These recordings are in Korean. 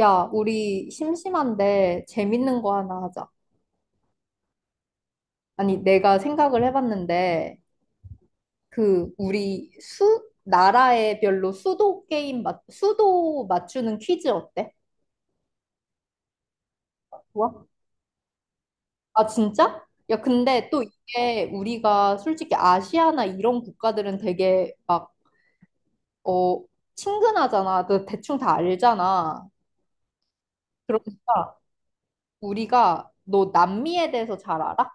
야, 우리 심심한데 재밌는 거 하나 하자. 아니, 내가 생각을 해봤는데, 그, 우리 나라에 별로 수도 게임, 수도 맞추는 퀴즈 어때? 좋아? 아, 진짜? 야, 근데 또 이게 우리가 솔직히 아시아나 이런 국가들은 되게 막, 어, 친근하잖아. 너 대충 다 알잖아. 그러니까 우리가 너 남미에 대해서 잘 알아?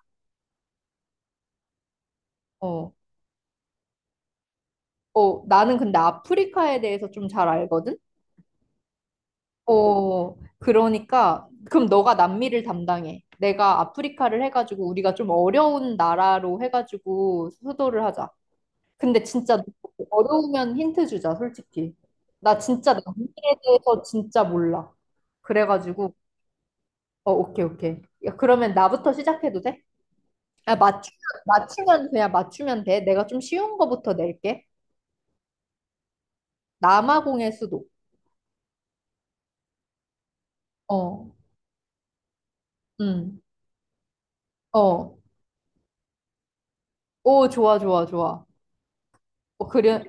어. 어, 나는 근데 아프리카에 대해서 좀 잘 알거든? 어, 그러니까, 그럼 너가 남미를 담당해. 내가 아프리카를 해가지고, 우리가 좀 어려운 나라로 해가지고, 수도를 하자. 근데 진짜 어려우면 힌트 주자, 솔직히. 나 진짜 남미에 대해서 진짜 몰라. 그래가지고, 어, 오케이, 오케이. 야, 그러면 나부터 시작해도 돼? 아, 맞추면, 그냥 맞추면 돼. 내가 좀 쉬운 거부터 낼게. 남아공의 수도. 어, 음, 어. 오, 좋아, 좋아, 좋아. 어, 그래,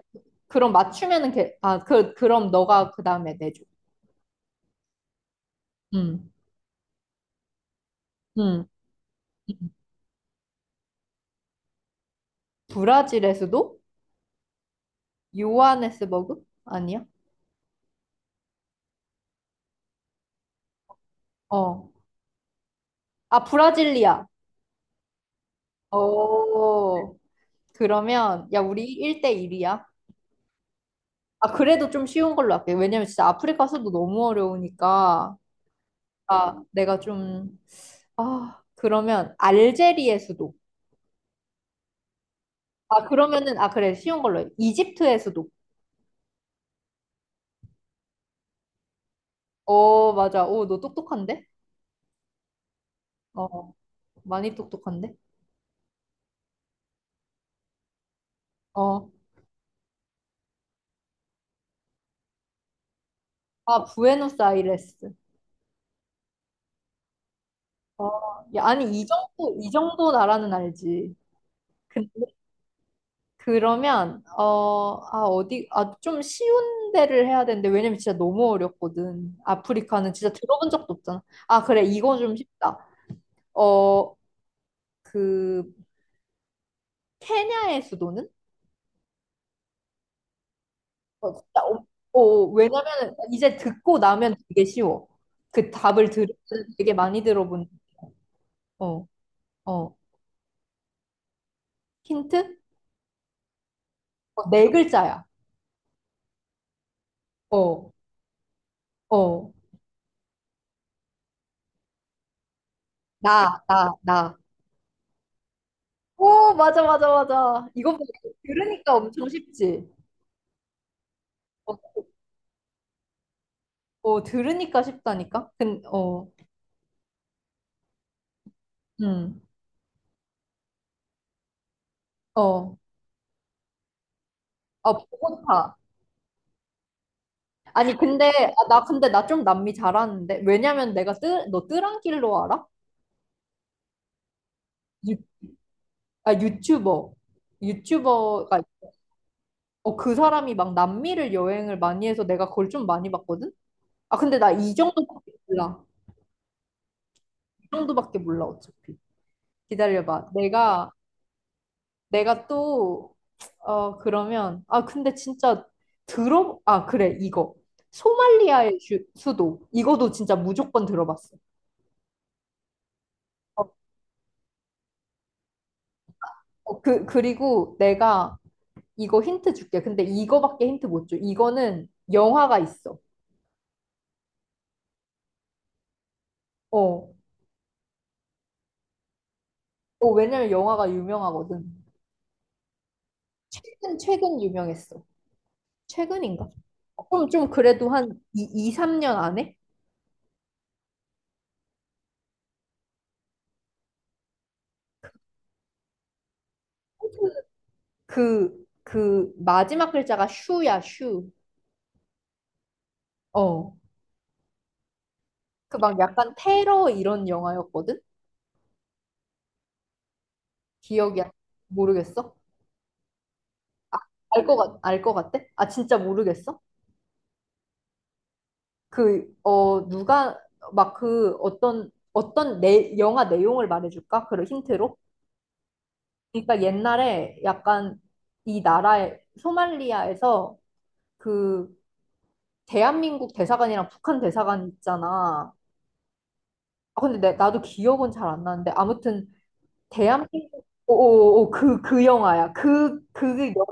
그럼 맞추면은 걔, 아, 그럼 너가 그 다음에 내줘. 음, 음. 브라질의 수도? 요하네스버그? 아니야? 어. 아, 브라질리아. 어. 그러면, 야, 우리 1대1이야. 아, 그래도 좀 쉬운 걸로 할게. 왜냐면 진짜 아프리카 수도 너무 어려우니까. 아, 내가 좀, 아, 그러면 알제리의 수도. 아, 그러면은, 아, 그래, 쉬운 걸로 해. 이집트의 수도. 어, 맞아. 오, 너 똑똑한데? 어, 많이 똑똑한데? 어. 아, 부에노스아이레스. 어, 야, 아니, 이 정도, 이 정도 나라는 알지. 근데, 그러면, 어, 아, 어디, 아, 좀 쉬운 데를 해야 되는데, 왜냐면 진짜 너무 어렵거든. 아프리카는 진짜 들어본 적도 없잖아. 아, 그래, 이거 좀 쉽다. 어, 그, 케냐의 수도는? 어, 진짜, 어, 어, 왜냐면, 이제 듣고 나면 되게 쉬워. 그 답을 들으면 되게 많이 들어본, 어, 어. 힌트? 어, 네 글자야. 어, 어. 나, 나, 나. 오, 맞아, 맞아, 맞아. 이거 봐. 들으니까 엄청 쉽지. 어, 어, 들으니까 쉽다니까? 어, 음, 어, 아, 보고파. 아니, 근데, 아, 나, 근데 나 좀 남미 잘하는데? 왜냐면 내가 너 뜨란길로 알아? 유, 아, 유튜버. 유튜버가, 어, 그 사람이 막 남미를 여행을 많이 해서 내가 그걸 좀 많이 봤거든? 아, 근데 나 이 정도밖에 몰라. 이 정도밖에 몰라, 어차피. 기다려봐. 내가, 내가 또, 어, 그러면, 아, 근데 진짜 아, 그래, 이거. 소말리아의 수도. 이거도 진짜 무조건 들어봤어. 어, 어, 그, 그리고 내가 이거 힌트 줄게. 근데 이거밖에 힌트 못 줘. 이거는 영화가 있어. 어, 어, 왜냐면 영화가 유명하거든. 최근 유명했어. 최근인가? 어, 그럼 좀 그래도 한 2, 2, 3년 안에? 그, 그 마지막 글자가 슈야, 슈. 어. 그 막 약간 테러 이런 영화였거든? 기억이 안, 모르겠어? 알 것 같아? 아, 진짜 모르겠어? 그, 어, 누가, 막 그 어떤, 어떤 영화 내용을 말해줄까? 그런 힌트로? 그러니까 옛날에 약간 이 나라에, 소말리아에서 그 대한민국 대사관이랑 북한 대사관 있잖아. 아, 근데 나도 기억은 잘 안 나는데 아무튼 대한민국, 오, 오, 오, 그, 그 영화야. 그,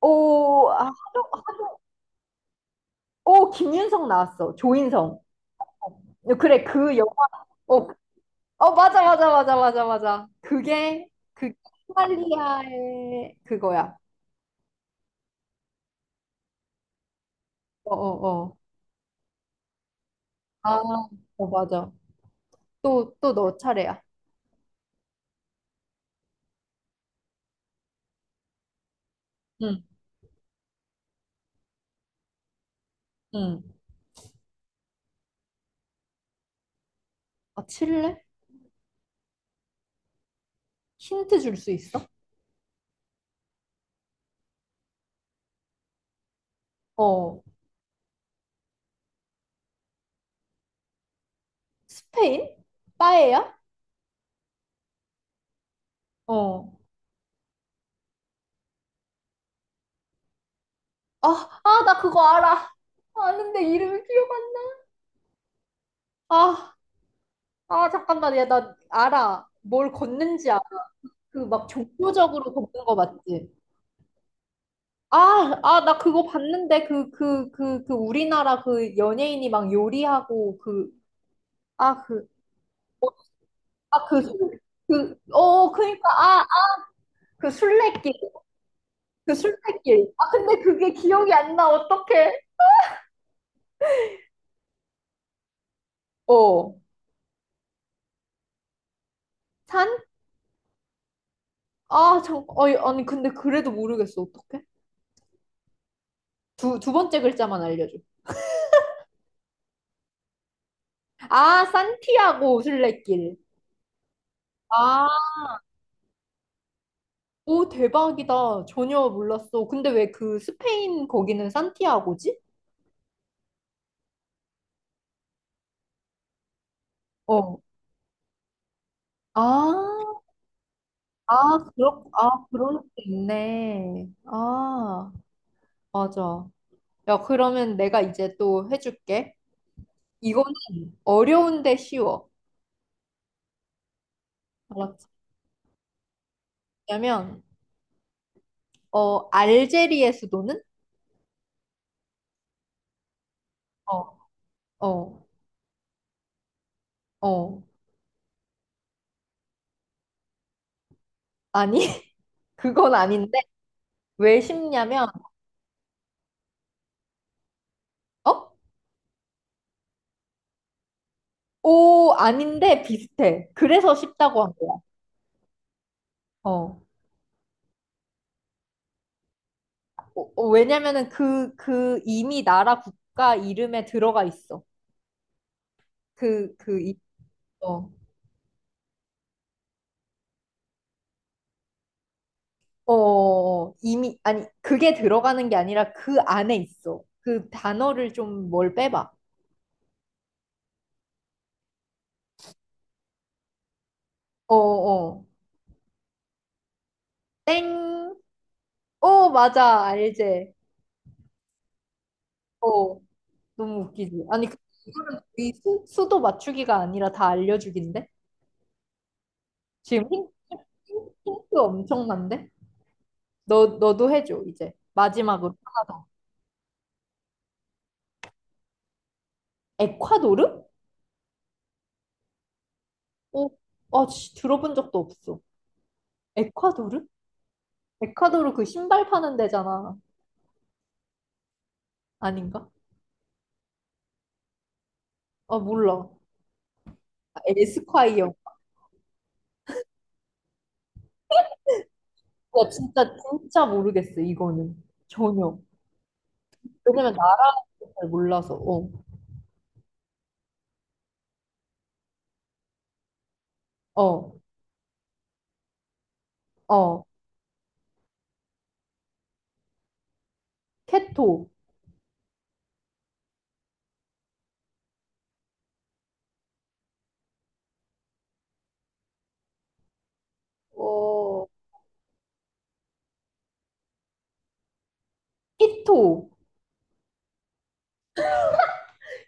오, 아, 어, 오, 김윤석 나왔어. 조인성. 그래, 그 영화. 어, 어, 맞아, 맞아, 맞아, 맞아, 맞아. 그게, 그, 소말리아의 그거야. 어, 어, 어. 아, 어, 맞아. 또, 또 너 차례야. 응, 응. 아, 칠레? 힌트 줄 수 있어? 어. 스페인? 빠에야? 어. 아, 아, 나 그거 알아. 아는데 이름이 기억 안 나. 아, 아, 잠깐만. 야, 나 알아. 뭘 걷는지 알아. 그 막 종교적으로 걷는 거 맞지? 아, 아, 나 그거 봤는데, 그, 그, 그, 그, 우리나라 그 연예인이 막 요리하고, 그, 아, 그, 아, 그, 어, 그니까, 아, 아, 그 술래길, 그 술래길. 아, 근데 그게 기억이 안 나, 어떡해. 어, 산? 아, 참, 어이, 아니, 근데 그래도 모르겠어, 어떡해. 두 번째 글자만 알려줘. 아, 산티아고 술래길. 아, 오, 대박이다. 전혀 몰랐어. 근데 왜 그 스페인 거기는 산티아고지? 어. 아. 아, 그럴 수 있네. 아, 맞아. 야, 그러면 내가 이제 또 해줄게. 이거는 어려운데 쉬워. 알았지? 왜냐면, 어, 알제리의 수도는? 어, 어, 어. 아니, 그건 아닌데. 왜 쉽냐면, 어? 오, 아닌데 비슷해. 그래서 쉽다고 한 거야. 어. 어, 어, 왜냐면은 그, 그 이미 나라 국가 이름에 들어가 있어. 그, 어. 어, 이미, 아니, 그게 들어가는 게 아니라 그 안에 있어. 그 단어를 좀 뭘 빼봐. 어, 어. 땡. 어, 맞아. 알제. 어, 너무 웃기지. 아니, 이거는 거의 수도 맞추기가 아니라 다 알려주기인데? 지금 힌트 엄청난데? 너, 너도 해줘, 이제. 마지막으로 하나 더. 에콰도르? 어, 아, 씨, 들어본 적도 없어. 에콰도르? 에콰도르 그 신발 파는 데잖아. 아닌가? 아, 몰라. 에스콰이어. 나 진짜 진짜 모르겠어 이거는 전혀. 왜냐면 나한테 잘 몰라서. 어, 어, 어. 케토. 어, 키토.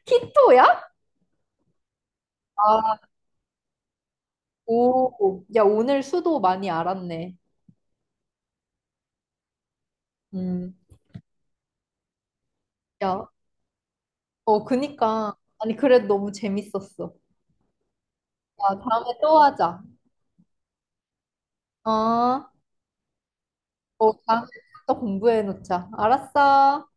키토야? 아, 오. 야 오늘 수도 많이 알았네. 음. 야, 어, 그니까. 아니 그래도 너무 재밌었어. 야 다음에 또 하자. 어, 어 다음에 또 공부해 놓자. 알았어.